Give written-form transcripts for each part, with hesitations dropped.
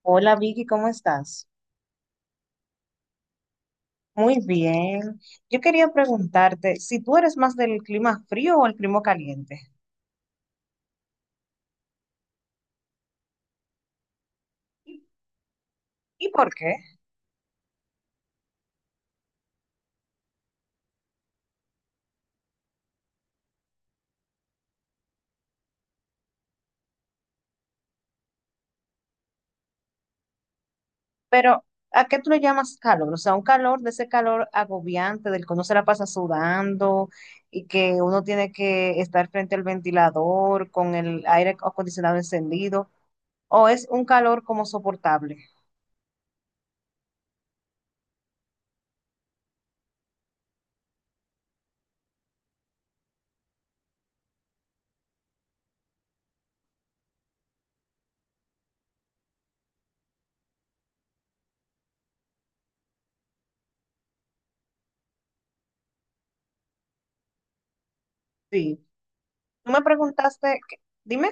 Hola Vicky, ¿cómo estás? Muy bien. Yo quería preguntarte si tú eres más del clima frío o el clima caliente. ¿Y, y por qué? Pero, ¿a qué tú le llamas calor? O sea, un calor de ese calor agobiante del que uno se la pasa sudando y que uno tiene que estar frente al ventilador con el aire acondicionado encendido. ¿O es un calor como soportable? Sí. Tú me preguntaste, dime.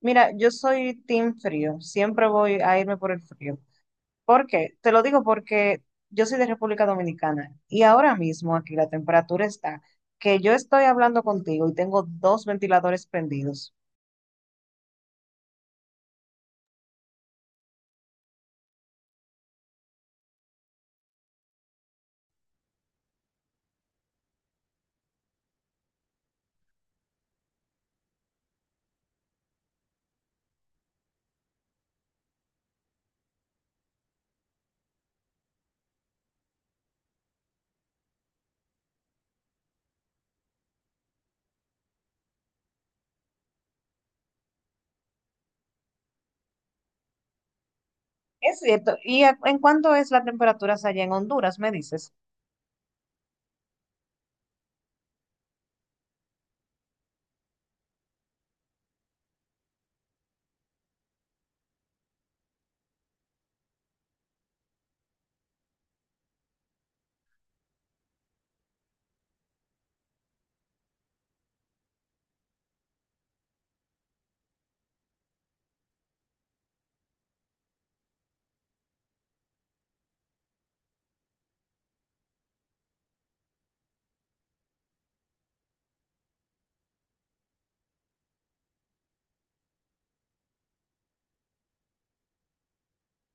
Mira, yo soy team frío, siempre voy a irme por el frío. ¿Por qué? Te lo digo porque yo soy de República Dominicana y ahora mismo aquí la temperatura está que yo estoy hablando contigo y tengo dos ventiladores prendidos. Es cierto. ¿Y en cuánto es la temperatura allá en Honduras, me dices?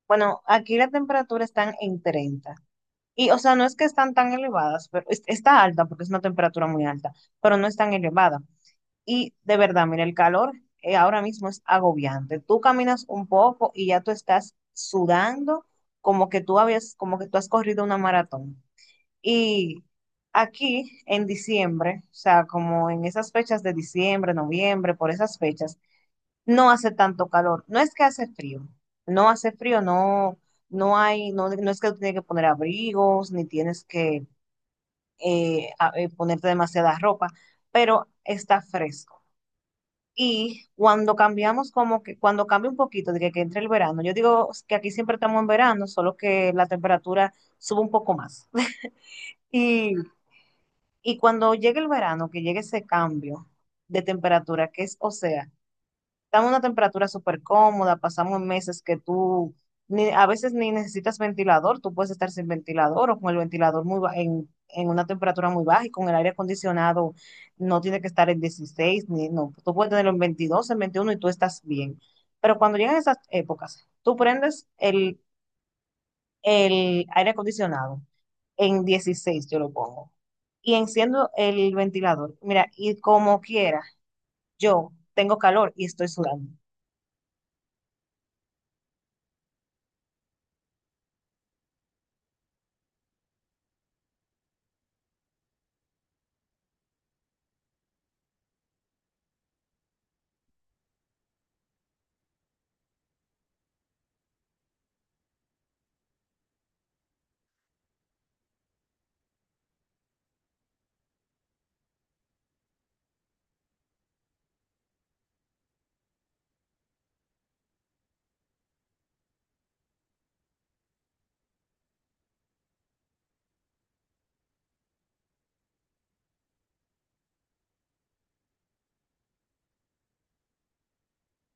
Bueno, aquí la temperatura están en 30. Y, o sea, no es que están tan elevadas, pero es- está alta porque es una temperatura muy alta, pero no es tan elevada. Y de verdad, mira, el calor ahora mismo es agobiante. Tú caminas un poco y ya tú estás sudando como que tú has corrido una maratón. Y aquí en diciembre, o sea, como en esas fechas de diciembre, noviembre, por esas fechas, no hace tanto calor. No es que hace frío, no, no hay, no, no es que tú tienes que poner abrigos, ni tienes que ponerte demasiada ropa, pero está fresco. Y cuando cambiamos, como que cuando cambia un poquito, de que, entre el verano, yo digo que aquí siempre estamos en verano, solo que la temperatura sube un poco más. Y, y cuando llegue el verano, que llegue ese cambio de temperatura, que es, o sea, estamos en una temperatura súper cómoda, pasamos meses que tú ni, a veces ni necesitas ventilador, tú puedes estar sin ventilador o con el ventilador muy en una temperatura muy baja y con el aire acondicionado no tiene que estar en 16 ni, no, tú puedes tenerlo en 22, en 21 y tú estás bien. Pero cuando llegan esas épocas, tú prendes el aire acondicionado en 16 yo lo pongo, y enciendo el ventilador. Mira, y como quiera, yo tengo calor y estoy sudando.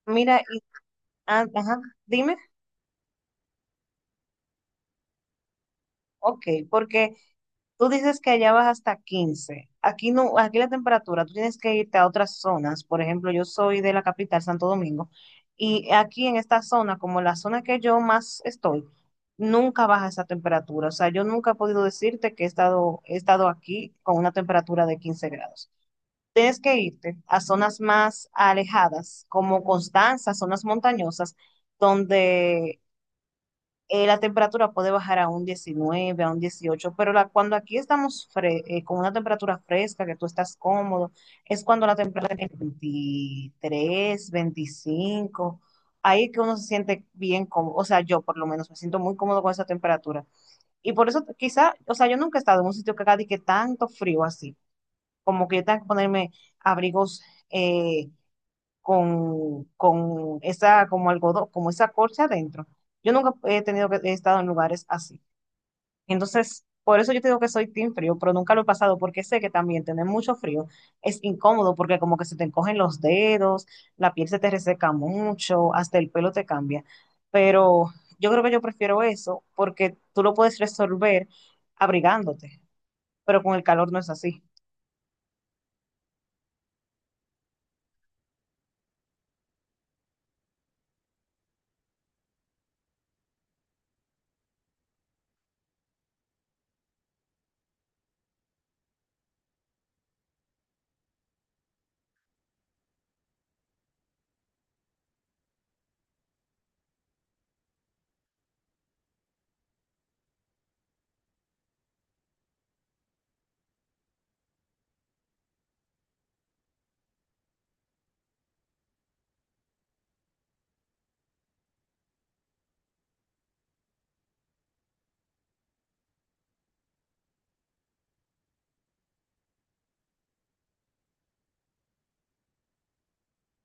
Mira, ah, ajá, dime. Ok, porque tú dices que allá vas hasta 15. Aquí no, aquí la temperatura, tú tienes que irte a otras zonas. Por ejemplo, yo soy de la capital, Santo Domingo, y aquí en esta zona, como la zona que yo más estoy, nunca baja esa temperatura. O sea, yo nunca he podido decirte que he estado aquí con una temperatura de 15 grados. Tienes que irte a zonas más alejadas, como Constanza, zonas montañosas, donde la temperatura puede bajar a un 19 a un 18, pero cuando aquí estamos con una temperatura fresca, que tú estás cómodo, es cuando la temperatura es 23, 25, ahí que uno se siente bien cómodo. O sea, yo por lo menos me siento muy cómodo con esa temperatura. Y por eso quizá, o sea, yo nunca he estado en un sitio que haga de que tanto frío así, como que yo tenga que ponerme abrigos eh, con esa, como algodón, como esa corcha adentro. Yo nunca he tenido que, he estado en lugares así. Entonces, por eso yo te digo que soy team frío, pero nunca lo he pasado porque sé que también tener mucho frío es incómodo porque como que se te encogen los dedos, la piel se te reseca mucho, hasta el pelo te cambia. Pero yo creo que yo prefiero eso porque tú lo puedes resolver abrigándote, pero con el calor no es así.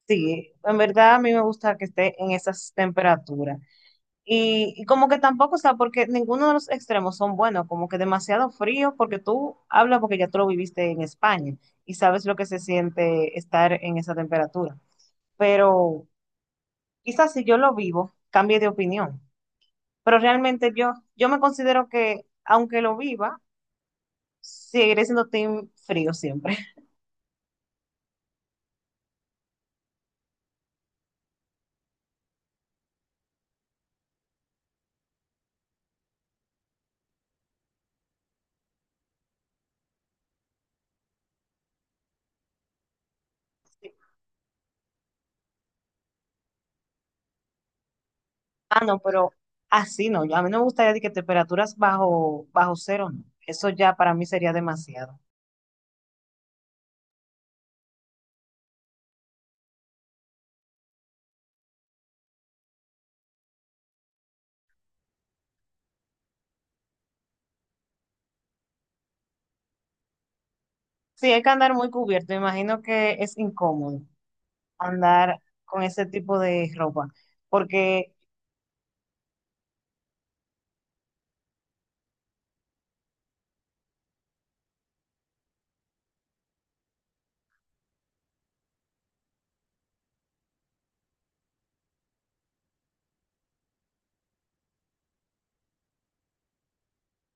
Sí, en verdad a mí me gusta que esté en esas temperaturas. Y como que tampoco, o sea, porque ninguno de los extremos son buenos, como que demasiado frío, porque tú hablas porque ya tú lo viviste en España y sabes lo que se siente estar en esa temperatura. Pero quizás si yo lo vivo, cambie de opinión. Pero realmente yo me considero que, aunque lo viva, seguiré siendo team frío siempre. Ah, no, pero así no, a mí no me gustaría de que temperaturas bajo cero, no. Eso ya para mí sería demasiado. Sí, hay que andar muy cubierto. Me imagino que es incómodo andar con ese tipo de ropa. Porque,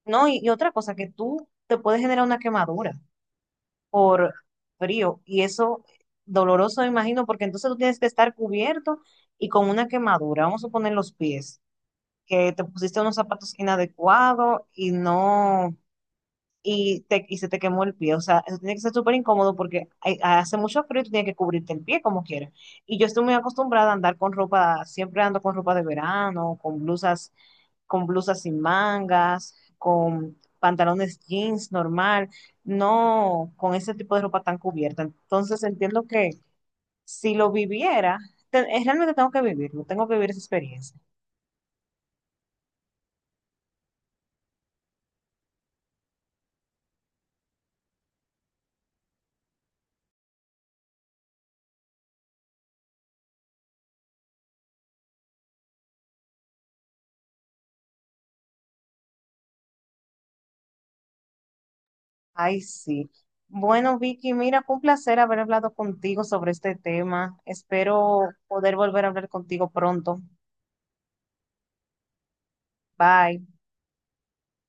no, y otra cosa, que tú te puedes generar una quemadura por frío. Y eso doloroso, me imagino, porque entonces tú tienes que estar cubierto y con una quemadura. Vamos a poner los pies, que te pusiste unos zapatos inadecuados y no. Y se te quemó el pie. O sea, eso tiene que ser súper incómodo porque hace mucho frío y tú tienes que cubrirte el pie como quieras. Y yo estoy muy acostumbrada a andar con ropa, siempre ando con ropa de verano, con blusas sin mangas, con pantalones jeans normal, no con ese tipo de ropa tan cubierta. Entonces entiendo que si lo viviera, realmente tengo que vivirlo, tengo que vivir esa experiencia. Ay, sí. Bueno, Vicky, mira, fue un placer haber hablado contigo sobre este tema. Espero poder volver a hablar contigo pronto. Bye.